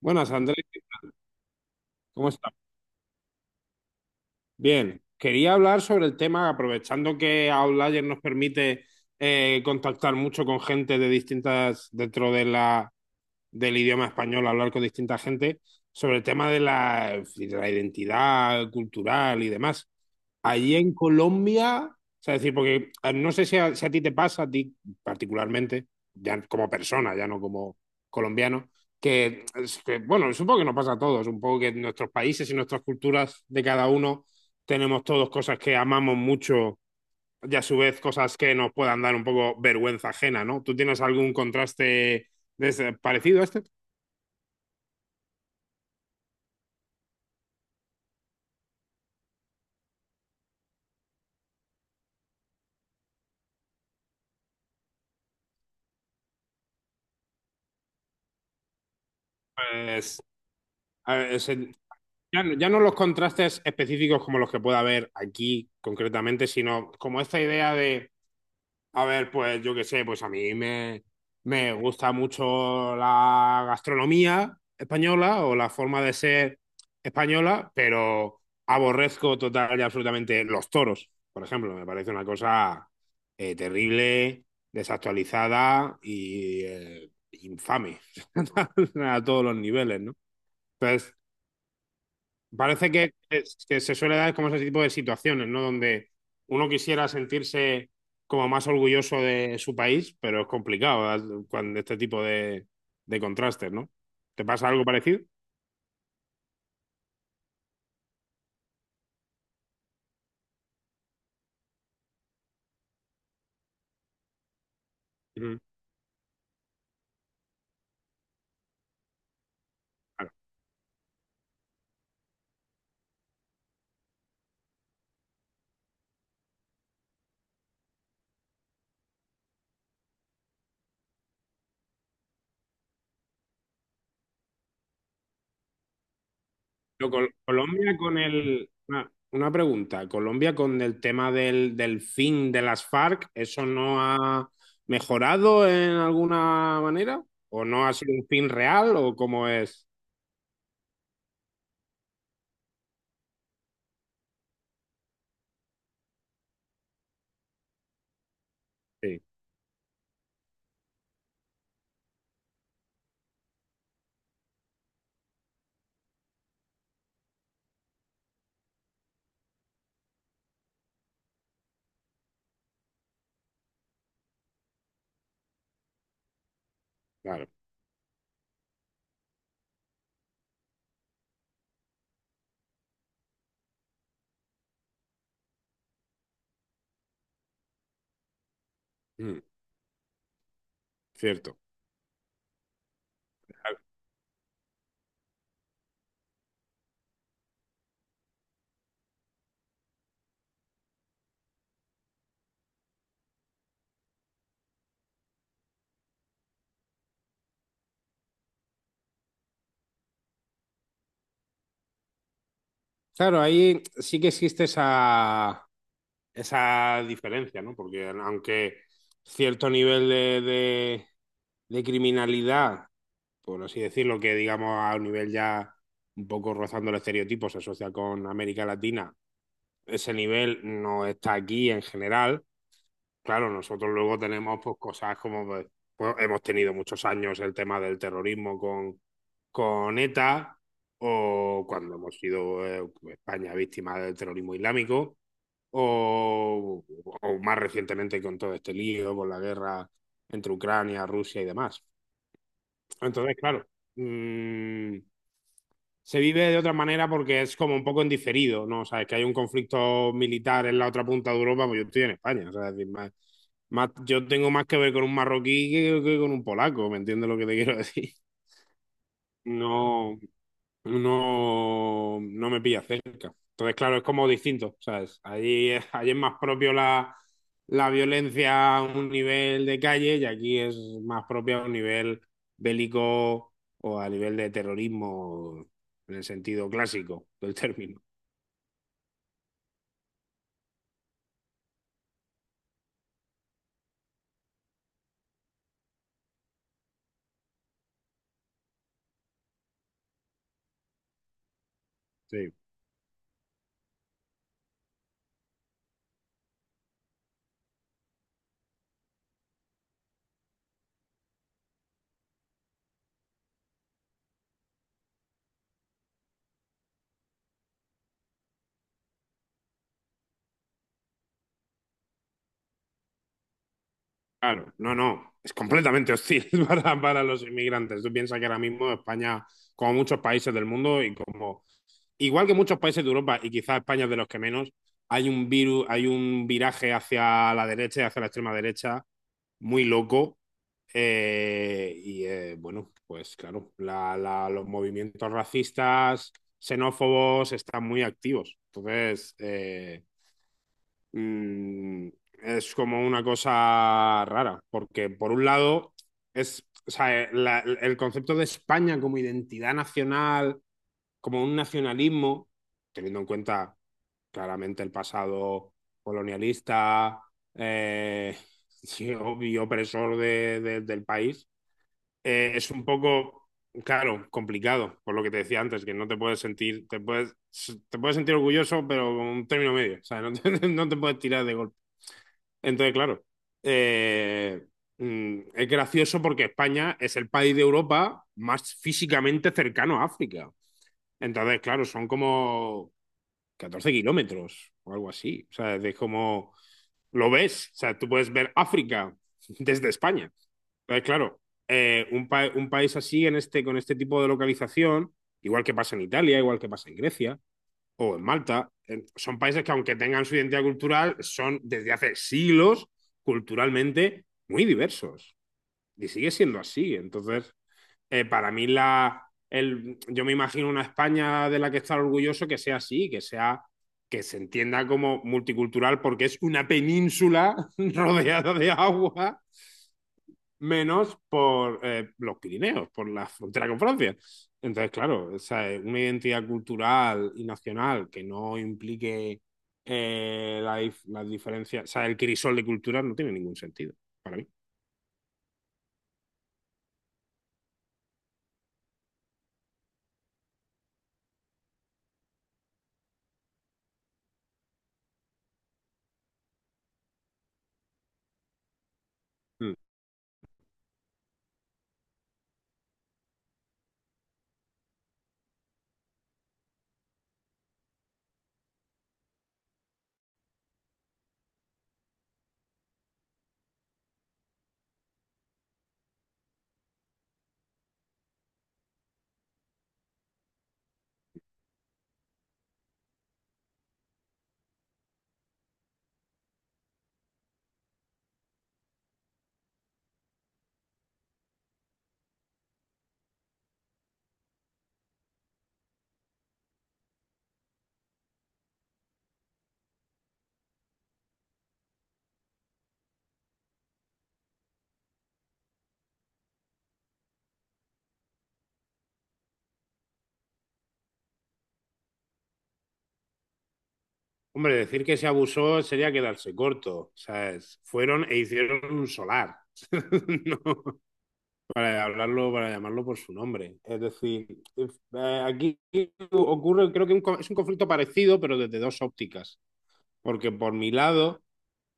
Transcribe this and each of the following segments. Buenas, Andrés. ¿Cómo estás? Bien. Quería hablar sobre el tema, aprovechando que Outlier nos permite contactar mucho con gente de distintas, dentro de la del idioma español, hablar con distinta gente sobre el tema de la identidad cultural y demás. Allí en Colombia, o sea, es decir, porque no sé si a ti te pasa, a ti particularmente, ya como persona, ya no como colombiano, que, es que, bueno, supongo que nos pasa a todos, un poco que en nuestros países y nuestras culturas de cada uno tenemos todos cosas que amamos mucho y a su vez cosas que nos puedan dar un poco vergüenza ajena, ¿no? ¿Tú tienes algún contraste parecido a este? Pues, a ver, ya, ya no los contrastes específicos como los que pueda haber aquí concretamente, sino como esta idea de, a ver, pues yo qué sé, pues a mí me gusta mucho la gastronomía española o la forma de ser española, pero aborrezco total y absolutamente los toros, por ejemplo, me parece una cosa terrible, desactualizada y infame a todos los niveles, ¿no? Entonces, parece que, que se suele dar como ese tipo de situaciones, ¿no? Donde uno quisiera sentirse como más orgulloso de su país, pero es complicado, ¿verdad? Cuando este tipo de contrastes, ¿no? ¿Te pasa algo parecido? Ujú. Claro. Pero Colombia con el... una pregunta. Colombia con el tema del, del fin de las FARC, ¿eso no ha mejorado en alguna manera? ¿O no ha sido un fin real? ¿O cómo es? Sí, claro. Mm, cierto. Claro, ahí sí que existe esa, esa diferencia, ¿no? Porque aunque cierto nivel de criminalidad, por así decirlo, que digamos a un nivel ya un poco rozando el estereotipo, se asocia con América Latina, ese nivel no está aquí en general. Claro, nosotros luego tenemos pues, cosas como hemos tenido muchos años el tema del terrorismo con ETA o cuando hemos sido España víctima del terrorismo islámico o, o más recientemente con todo este lío, con la guerra entre Ucrania, Rusia y demás. Entonces, claro, mm, se vive de otra manera porque es como un poco en diferido, ¿no? O sea, es que hay un conflicto militar en la otra punta de Europa, pues yo estoy en España, o sea, es decir, yo tengo más que ver con un marroquí que con un polaco, ¿me entiendes lo que te quiero decir? No, no, no me pilla cerca. Entonces, claro, es como distinto, ¿sabes? Allí, allí es más propio la violencia a un nivel de calle y aquí es más propio a un nivel bélico o a nivel de terrorismo en el sentido clásico del término. Sí. Claro, no, no, es completamente hostil para los inmigrantes. Tú piensas que ahora mismo España, como muchos países del mundo y como, igual que muchos países de Europa y quizás España es de los que menos, hay un virus, hay un viraje hacia la derecha y hacia la extrema derecha muy loco. Y bueno, pues claro, los movimientos racistas, xenófobos están muy activos. Entonces, mm, es como una cosa rara, porque por un lado es, o sea, el concepto de España como identidad nacional, como un nacionalismo, teniendo en cuenta claramente el pasado colonialista, eh, sí, obvio, opresor del país, es un poco, claro, complicado, por lo que te decía antes, que no te puedes sentir, te puedes sentir orgulloso, pero con un término medio, o sea, no te, no te puedes tirar de golpe. Entonces, claro, eh, es gracioso porque España es el país de Europa más físicamente cercano a África. Entonces, claro, son como 14 kilómetros o algo así. O sea, es como lo ves. O sea, tú puedes ver África desde España. Entonces, claro, un país así en este, con este tipo de localización, igual que pasa en Italia, igual que pasa en Grecia, o en Malta, son países que aunque tengan su identidad cultural, son desde hace siglos culturalmente muy diversos. Y sigue siendo así. Entonces, eh, para mí la, el, yo me imagino una España de la que estar orgulloso que sea así, que sea que se entienda como multicultural porque es una península rodeada de agua menos por los Pirineos, por la frontera con Francia. Entonces, claro, o sea, una identidad cultural y nacional que no implique las diferencias, o sea, el crisol de culturas no tiene ningún sentido para mí. Mm. Hombre, decir que se abusó sería quedarse corto, ¿sabes? Fueron e hicieron un solar. No, para hablarlo, para llamarlo por su nombre. Es decir, aquí ocurre, creo que es un conflicto parecido, pero desde dos ópticas. Porque por mi lado,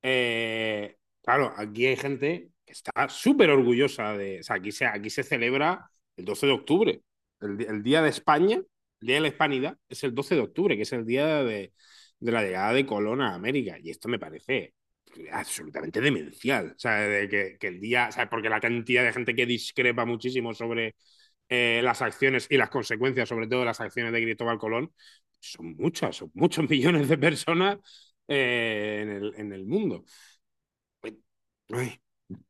eh, claro, aquí hay gente que está súper orgullosa de. O sea, aquí se celebra el 12 de octubre. El, el Día de España, el Día de la Hispanidad, es el 12 de octubre, que es el día de la llegada de Colón a América. Y esto me parece absolutamente demencial. O sea, de que el día. O sea, porque la cantidad de gente que discrepa muchísimo sobre las acciones y las consecuencias, sobre todo de las acciones de Cristóbal Colón, son muchas, son muchos millones de personas en el mundo. Ay,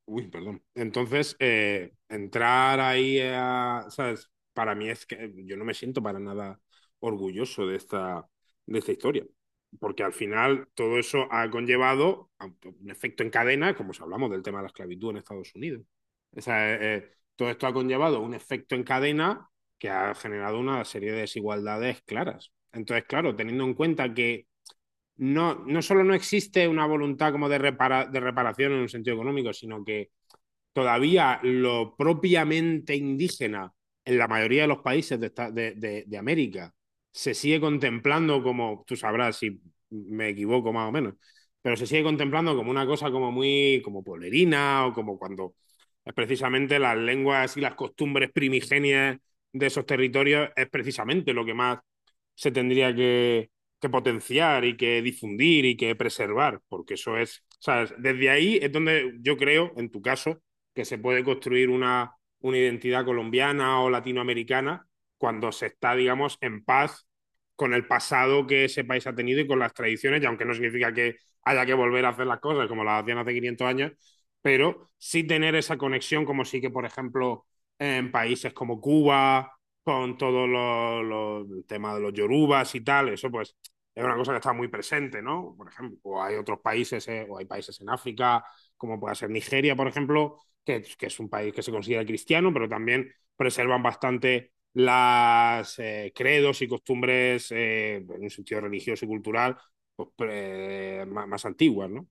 uy, perdón. Entonces, entrar ahí a, ¿sabes? Para mí es que yo no me siento para nada orgulloso de esta historia, porque al final todo eso ha conllevado a un efecto en cadena, como si hablamos del tema de la esclavitud en Estados Unidos. O sea, todo esto ha conllevado un efecto en cadena que ha generado una serie de desigualdades claras. Entonces, claro, teniendo en cuenta que no, no solo no existe una voluntad como de reparación en un sentido económico, sino que todavía lo propiamente indígena en la mayoría de los países de, esta- de América se sigue contemplando como, tú sabrás si me equivoco más o menos, pero se sigue contemplando como una cosa como muy, como pueblerina o como cuando es precisamente las lenguas y las costumbres primigenias de esos territorios es precisamente lo que más se tendría que potenciar y que difundir y que preservar, porque eso es, ¿sabes? Desde ahí es donde yo creo, en tu caso, que se puede construir una identidad colombiana o latinoamericana cuando se está, digamos, en paz con el pasado que ese país ha tenido y con las tradiciones, y aunque no significa que haya que volver a hacer las cosas como las hacían hace 500 años, pero sí tener esa conexión como sí que, por ejemplo, en países como Cuba, con todo el tema de los yorubas y tal, eso pues es una cosa que está muy presente, ¿no? Por ejemplo, o hay otros países, o hay países en África, como puede ser Nigeria, por ejemplo, que es un país que se considera cristiano, pero también preservan bastante las credos y costumbres en un sentido religioso y cultural pues, más antiguas, ¿no?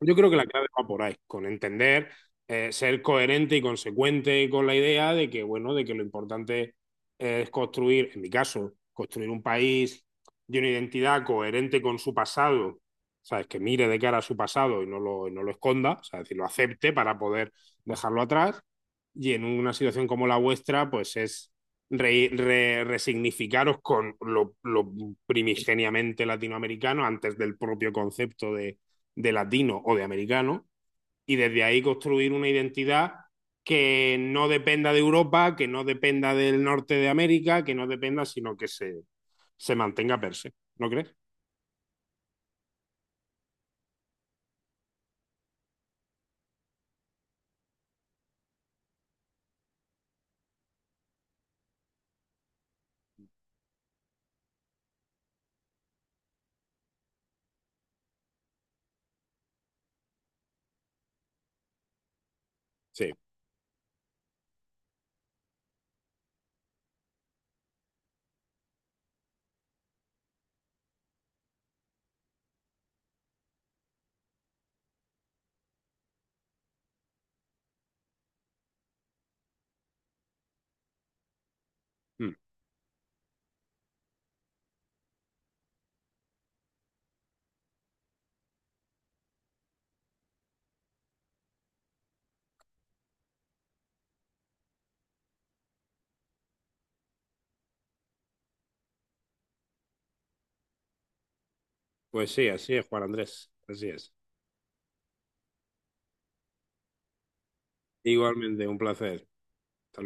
Yo creo que la clave va por ahí, con entender, ser coherente y consecuente con la idea de que, bueno, de que lo importante es construir, en mi caso, construir un país de una identidad coherente con su pasado, ¿sabes? Que mire de cara a su pasado y no lo esconda, o sea, es decir, lo acepte para poder dejarlo atrás. Y en una situación como la vuestra, pues es resignificaros con lo primigeniamente latinoamericano antes del propio concepto de latino o de americano, y desde ahí construir una identidad que no dependa de Europa, que no dependa del norte de América, que no dependa, sino que se mantenga per se. ¿No crees? Sí. Mm. Pues sí, así es, Juan Andrés. Así es. Igualmente, un placer. Hasta luego.